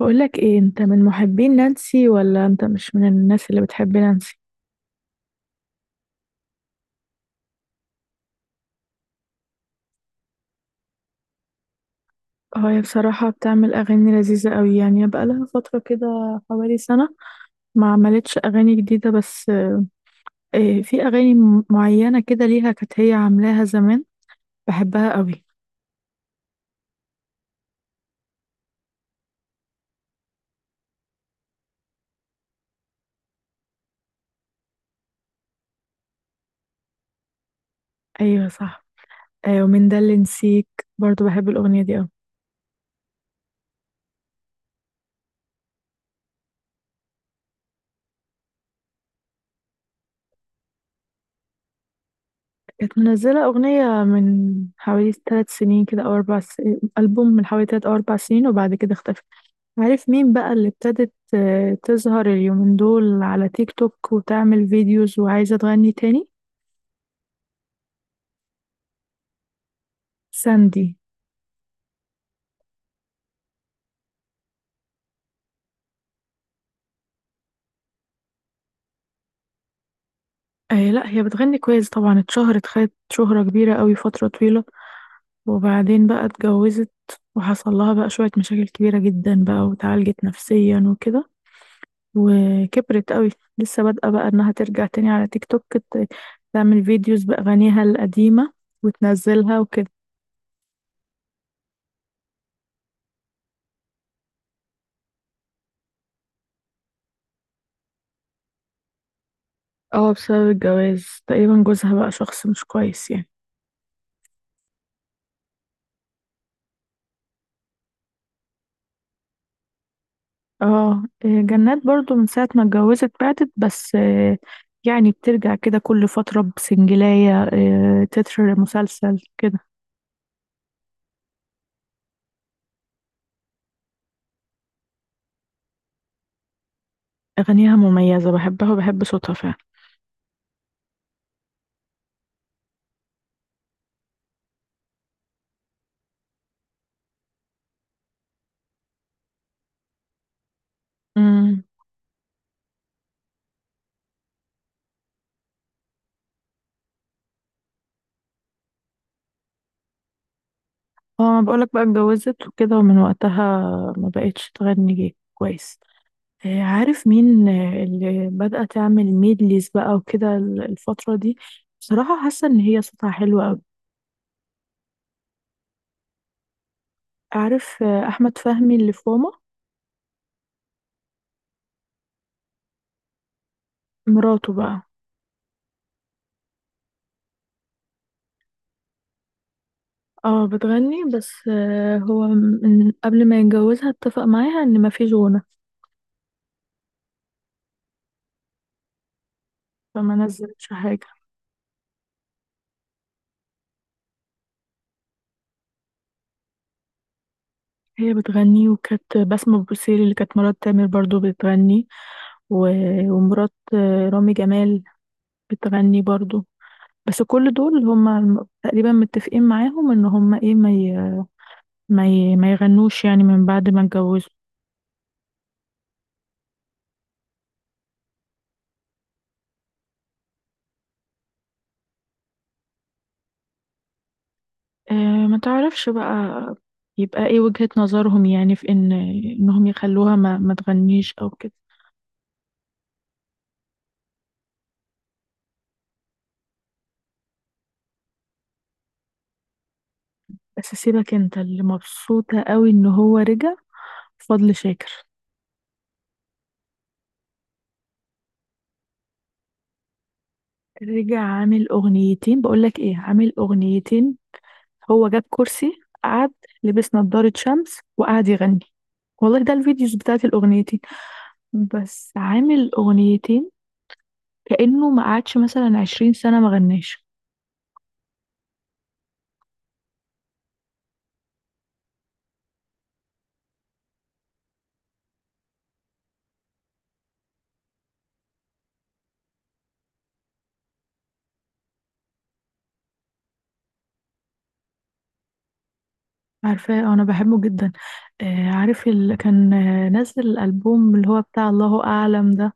بقولك ايه، انت من محبين نانسي ولا انت مش من الناس اللي بتحب نانسي؟ اه، هي بصراحة بتعمل اغاني لذيذة قوي، يعني بقى لها فترة كده حوالي سنة ما عملتش اغاني جديدة. بس إيه، في اغاني معينة كده ليها كانت هي عاملاها زمان، بحبها قوي. ايوه صح. ايوه، ومن ده اللي نسيك؟ برضو بحب الاغنية دي قوي. كانت منزلة اغنية من حوالي 3 سنين كده او 4 سنين، البوم من حوالي 3 أو 4 سنين، وبعد كده اختفت. عارف مين بقى اللي ابتدت آه، تظهر اليومين دول على تيك توك وتعمل فيديوز وعايزة تغني تاني؟ ساندي. آه، لا هي بتغني كويس طبعا، اتشهرت، خدت شهرة كبيرة قوي فترة طويلة. وبعدين بقى اتجوزت، وحصل لها بقى شوية مشاكل كبيرة جدا بقى، وتعالجت نفسيا وكده، وكبرت قوي. لسه بادئة بقى انها ترجع تاني على تيك توك تعمل فيديوز بأغانيها القديمة وتنزلها وكده. اه، بسبب الجواز تقريبا، جوزها بقى شخص مش كويس يعني. اه إيه، جنات برضو من ساعة ما اتجوزت بعدت، بس آه، يعني بترجع كده كل فترة بسنجلاية آه، تتر مسلسل كده. أغانيها مميزة، بحبها وبحب صوتها فعلا. امم. اه، ما بقولك بقى اتجوزت وكده، ومن وقتها ما بقتش تغني كويس. آه، عارف مين آه، اللي بدأت تعمل ميدليز بقى وكده الفترة دي؟ بصراحة حاسة إن هي صوتها حلو أوي. عارف آه، أحمد فهمي اللي في ماما؟ مراته بقى. اه بتغني، بس آه، هو من قبل ما يتجوزها اتفق معاها ان مفيش غنى. فما نزلتش حاجة. هي بتغني، وكانت بسمة بوسيري اللي كانت مرات تامر برضو بتغني، و... ومرات آه، رامي جمال بتغني برضو. بس كل دول هم تقريبا متفقين معاهم ان هم ايه، ما يغنوش يعني من بعد ما اتجوزوا. آه، ما تعرفش بقى. يبقى ايه وجهة نظرهم يعني في ان انهم يخلوها ما تغنيش او كده. بس سيبك، انت اللي مبسوطة قوي ان هو رجع، فضل شاكر. رجع عامل اغنيتين. بقولك ايه، عامل اغنيتين. هو جاب كرسي قعد، لبس نضارة شمس وقعد يغني. والله ده الفيديوز بتاعت الاغنيتين. بس عامل اغنيتين، كأنه ما قعدش مثلا 20 سنة ما غناش. عارفاه، انا بحبه جدا. آه، عارف اللي كان آه، نزل الالبوم اللي هو بتاع الله اعلم ده؟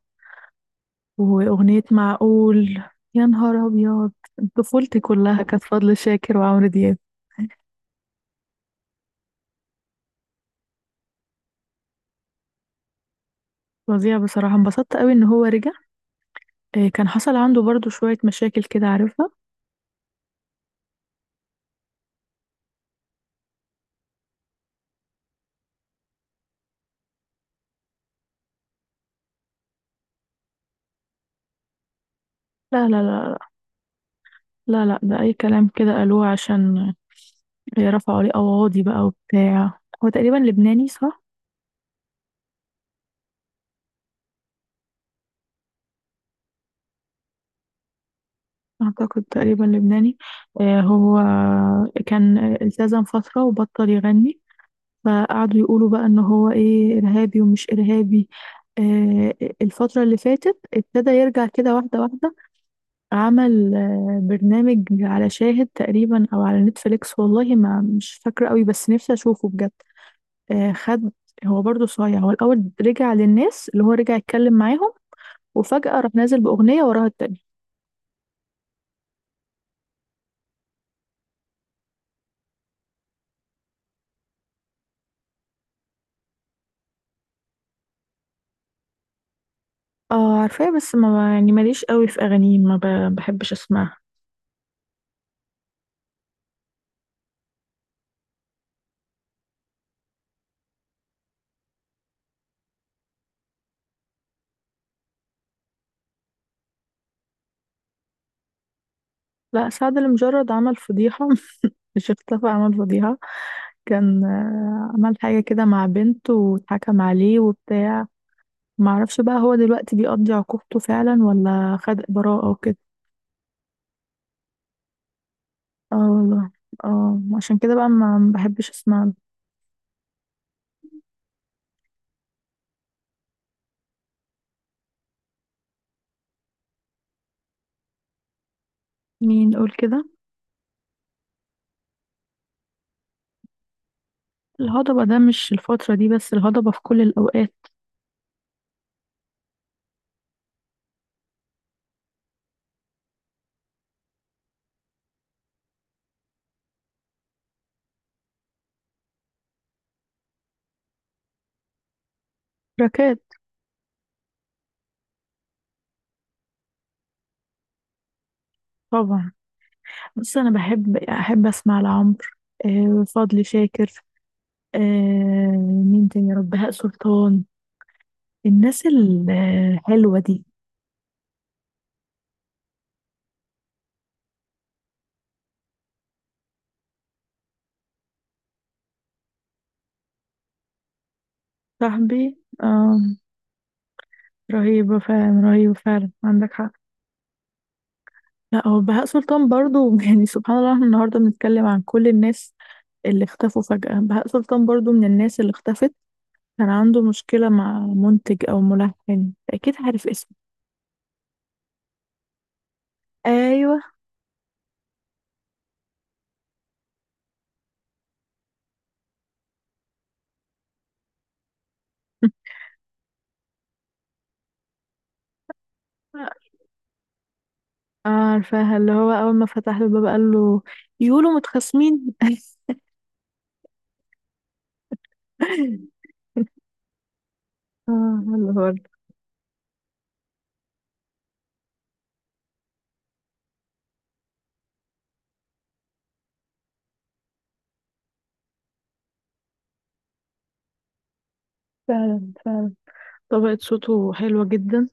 وأغنية معقول. يا نهار أبيض. طفولتي كلها كانت فضل شاكر وعمرو دياب. فظيع. بصراحة انبسطت قوي إن هو رجع. إيه، كان حصل عنده برضو شوية مشاكل كده، عارفها. لا لا لا. لا لا لا، ده أي كلام كده قالوه عشان إيه، رفعوا عليه قواضي بقى وبتاع. هو تقريبا لبناني، صح؟ أعتقد تقريبا لبناني. إيه، هو كان التزم فترة وبطل يغني، فقعدوا يقولوا بقى ان هو ايه، ارهابي ومش ارهابي. آه، الفترة اللي فاتت ابتدى يرجع كده واحدة واحدة. عمل آه، برنامج على شاهد تقريبا او على نتفليكس، والله ما مش فاكرة قوي، بس نفسي اشوفه بجد. آه خد. هو برضه صايع، هو الاول رجع للناس اللي هو رجع يتكلم معاهم، وفجأة راح نازل بأغنية وراها التانية. اه عارفاه، بس ما يعني ماليش قوي في اغانيه، ما ب- بحبش اسمعها. لا سعد المجرد عمل فضيحة. مش اختفى، عمل فضيحة. كان آه، عمل حاجة كده مع بنته واتحكم عليه وبتاع. معرفش بقى هو دلوقتي بيقضي عقوبته فعلا ولا خد براءة وكده. اه والله. اه، عشان كده بقى ما بحبش اسمع. مين يقول كده؟ الهضبة ده مش الفترة دي بس، الهضبة في كل الأوقات. تراكات. طبعا. بس أنا بحب أحب أسمع لعمرو، آه، فضل شاكر، آه، مين تاني يا رب، بهاء سلطان، الناس الحلوة دي. صاحبي. رهيبة فعلا، رهيبة فعلا، عندك حق. لا هو بهاء سلطان برضو، يعني سبحان الله احنا النهاردة بنتكلم عن كل الناس اللي اختفوا فجأة. بهاء سلطان برضو من الناس اللي اختفت. كان عنده مشكلة مع منتج أو ملحن، أكيد عارف اسمه. أيوه. عارفاها، اللي هو أول ما فتح له الباب قال له، يقولوا متخاصمين. اه اللي هو. فعلا فعلا، طبقة صوته حلوة جدا.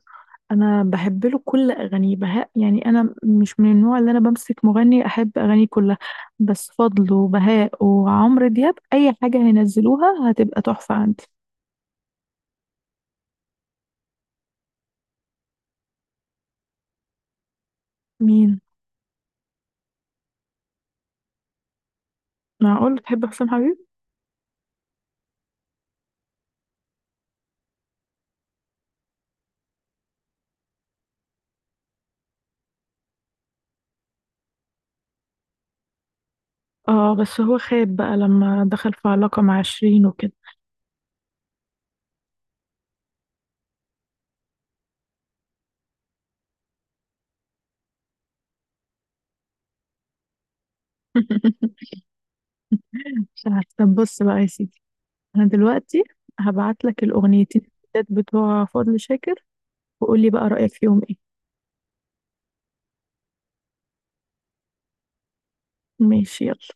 انا بحب له كل اغانيه بهاء، يعني انا مش من النوع اللي انا بمسك مغني احب اغانيه كلها. بس فضل وبهاء وعمرو دياب اي حاجة هينزلوها هتبقى تحفة عندي. مين؟ معقول تحب حسام حبيب؟ اه بس هو خاب بقى لما دخل في علاقة مع شيرين وكده. مش عارفة. طب بص بقى يا سيدي، انا دلوقتي هبعت لك الاغنيتين الجداد بتوع فضل شاكر، وقولي بقى رأيك فيهم ايه. ماشي.